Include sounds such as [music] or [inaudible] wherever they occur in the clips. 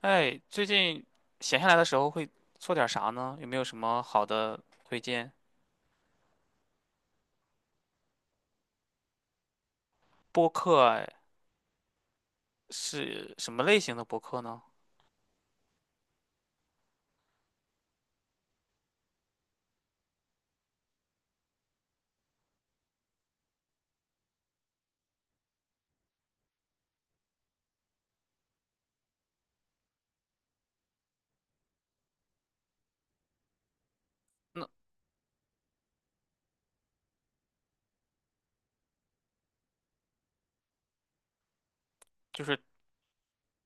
哎，最近闲下来的时候会做点啥呢？有没有什么好的推荐？播客啊是什么类型的播客呢？那就是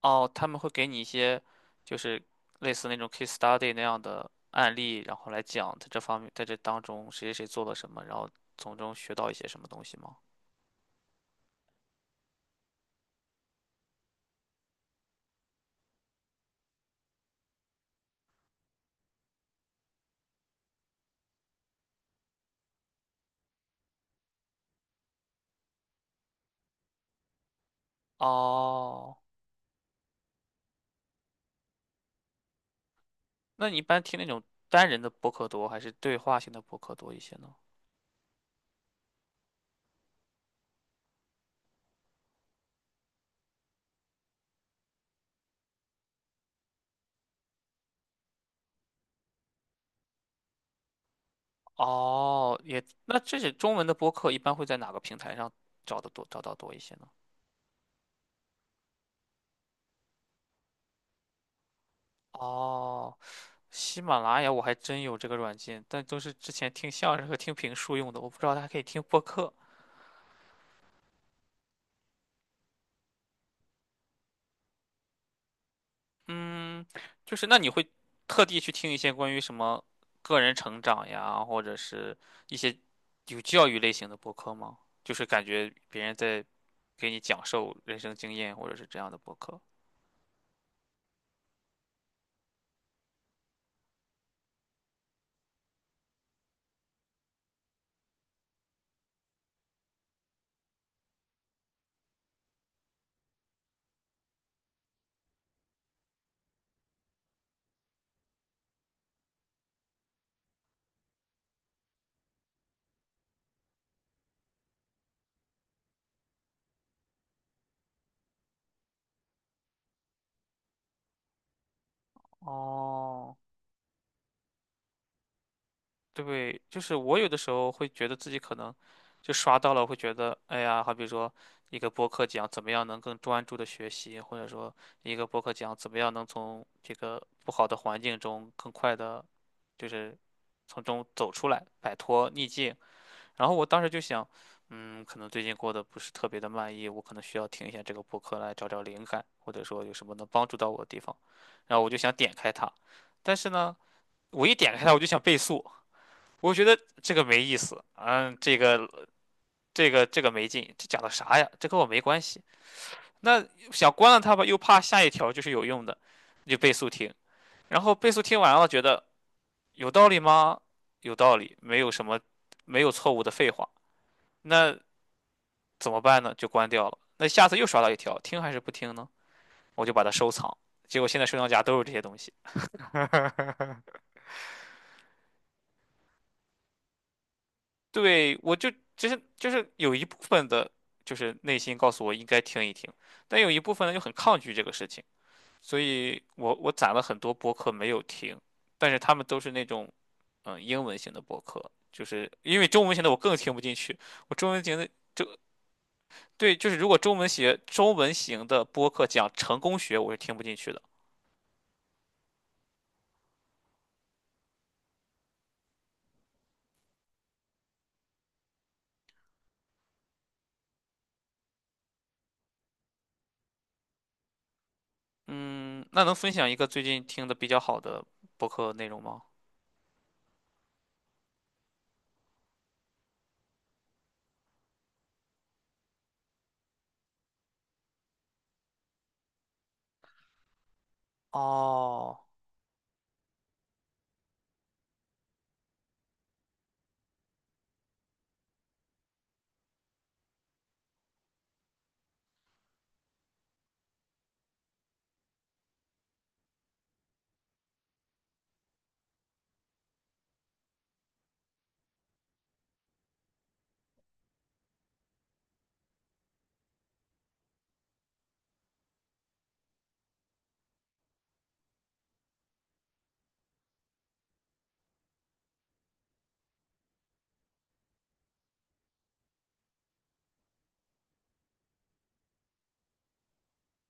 哦，他们会给你一些就是类似那种 case study 那样的案例，然后来讲在这方面，在这当中谁谁谁做了什么，然后从中学到一些什么东西吗？哦，那你一般听那种单人的播客多，还是对话性的播客多一些呢？哦，也，那这些中文的播客一般会在哪个平台上找的多，找到多一些呢？哦，喜马拉雅我还真有这个软件，但都是之前听相声和听评书用的，我不知道它还可以听播客。嗯，就是那你会特地去听一些关于什么个人成长呀，或者是一些有教育类型的播客吗？就是感觉别人在给你讲授人生经验，或者是这样的播客。哦，对，就是我有的时候会觉得自己可能就刷到了，会觉得哎呀，好比说一个播客讲怎么样能更专注的学习，或者说一个播客讲怎么样能从这个不好的环境中更快的，就是从中走出来，摆脱逆境。然后我当时就想，嗯，可能最近过得不是特别的满意，我可能需要听一下这个播客来找找灵感，或者说有什么能帮助到我的地方。然后我就想点开它，但是呢，我一点开它我就想倍速。我觉得这个没意思，嗯，这个这个没劲，这讲的啥呀？这跟我没关系。那想关了它吧，又怕下一条就是有用的，你就倍速听，然后倍速听完了，觉得有道理吗？有道理，没有什么没有错误的废话。那怎么办呢？就关掉了。那下次又刷到一条，听还是不听呢？我就把它收藏。结果现在收藏夹都是这些东西。[laughs] 对，我就其实就是有一部分的，就是内心告诉我应该听一听，但有一部分呢就很抗拒这个事情，所以我攒了很多播客没有听，但是他们都是那种嗯英文型的播客，就是因为中文型的我更听不进去，我中文型的就对，就是如果中文学中文型的播客讲成功学，我是听不进去的。嗯，那能分享一个最近听的比较好的播客内容吗？哦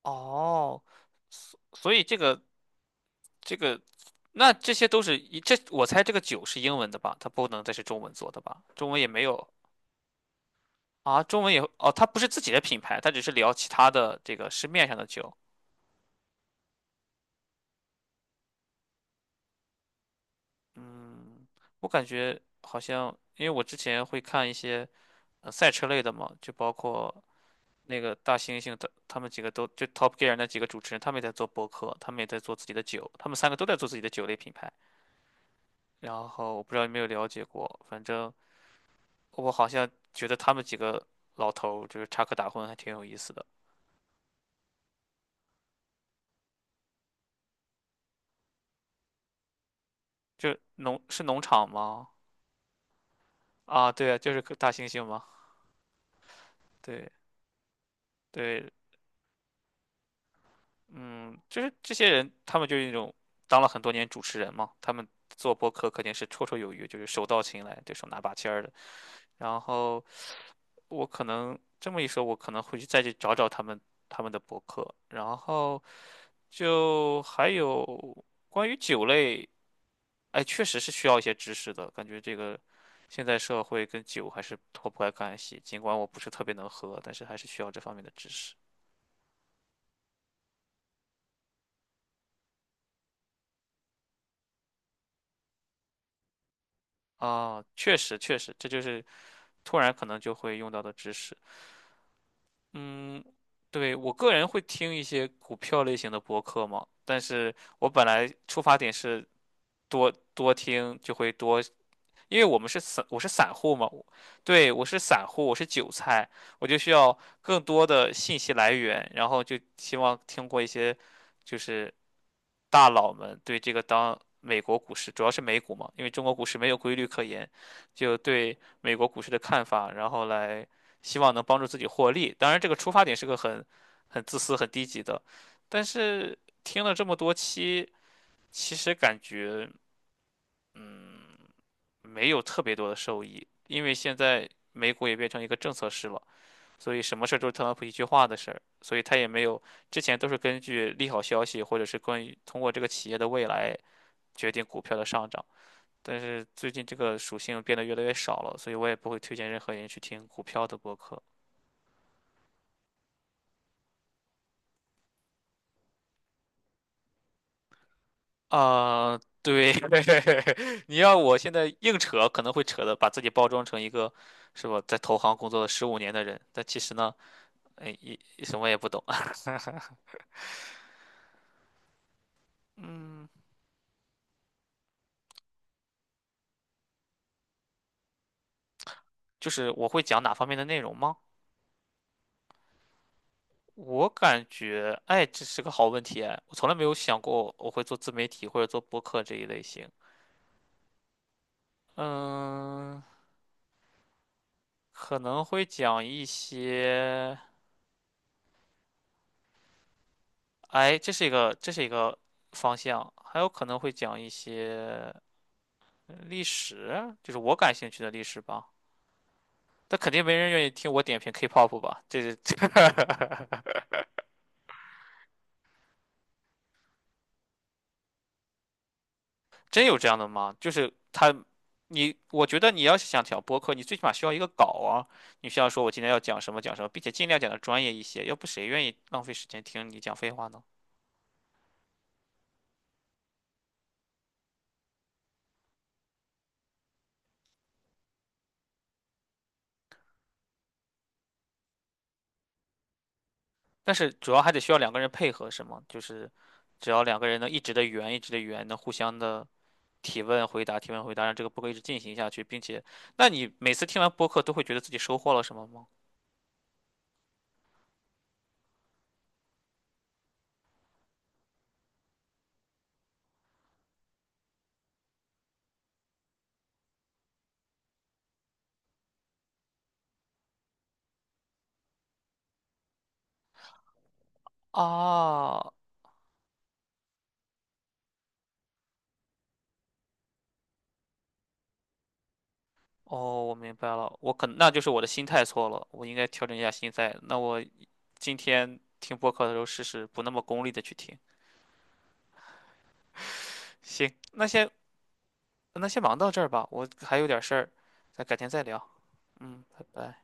哦，所以这个。这个，那这些都是一这，我猜这个酒是英文的吧？它不能再是中文做的吧？中文也没有啊，中文也哦，它不是自己的品牌，它只是聊其他的这个市面上的酒。嗯，我感觉好像，因为我之前会看一些赛车类的嘛，就包括那个大猩猩的，他们几个都就 Top Gear 那几个主持人，他们也在做播客，他们也在做自己的酒，他们三个都在做自己的酒类品牌。然后我不知道有没有了解过，反正我好像觉得他们几个老头儿就是插科打诨，还挺有意思的。就农是农场吗？啊，对啊，就是个大猩猩吗？对对，嗯，就是这些人，他们就是那种当了很多年主持人嘛，他们做播客肯定是绰绰有余，就是手到擒来，对手拿把掐儿的。然后我可能这么一说，我可能会去再去找找他们的博客。然后就还有关于酒类，哎，确实是需要一些知识的，感觉这个现在社会跟酒还是脱不开干系。尽管我不是特别能喝，但是还是需要这方面的知识。啊，确实确实，这就是突然可能就会用到的知识。嗯，对，我个人会听一些股票类型的播客嘛，但是我本来出发点是多多听，就会多因为我们是散，我是散户嘛，我对，我是散户，我是韭菜，我就需要更多的信息来源，然后就希望听过一些就是大佬们对这个当美国股市，主要是美股嘛，因为中国股市没有规律可言，就对美国股市的看法，然后来希望能帮助自己获利。当然，这个出发点是个很自私、很低级的，但是听了这么多期，其实感觉。没有特别多的收益，因为现在美股也变成一个政策市了，所以什么事儿都是特朗普一句话的事儿，所以他也没有，之前都是根据利好消息或者是关于通过这个企业的未来决定股票的上涨，但是最近这个属性变得越来越少了，所以我也不会推荐任何人去听股票的播客。啊、对，[laughs] 你要我现在硬扯，可能会扯的把自己包装成一个，是吧，在投行工作了15年的人，但其实呢，哎，一什么也不懂。[laughs] 嗯。就是我会讲哪方面的内容吗？我感觉，哎，这是个好问题哎，我从来没有想过我会做自媒体或者做播客这一类型。嗯，可能会讲一些，哎，这是一个方向，还有可能会讲一些历史，就是我感兴趣的历史吧。但肯定没人愿意听我点评 K-pop 吧？这 [laughs] 真有这样的吗？就是他，你，我觉得你要是想讲播客，你最起码需要一个稿啊。你需要说我今天要讲什么讲什么，并且尽量讲的专业一些，要不谁愿意浪费时间听你讲废话呢？但是主要还得需要两个人配合，是吗？就是只要两个人能一直的圆，一直的圆，能互相的提问回答，提问回答，让这个播客一直进行下去，并且，那你每次听完播客都会觉得自己收获了什么吗？啊，哦，我明白了，我可能那就是我的心态错了，我应该调整一下心态。那我今天听播客的时候试试不那么功利的去听。行，那先忙到这儿吧，我还有点事儿，咱改天再聊。嗯，拜拜。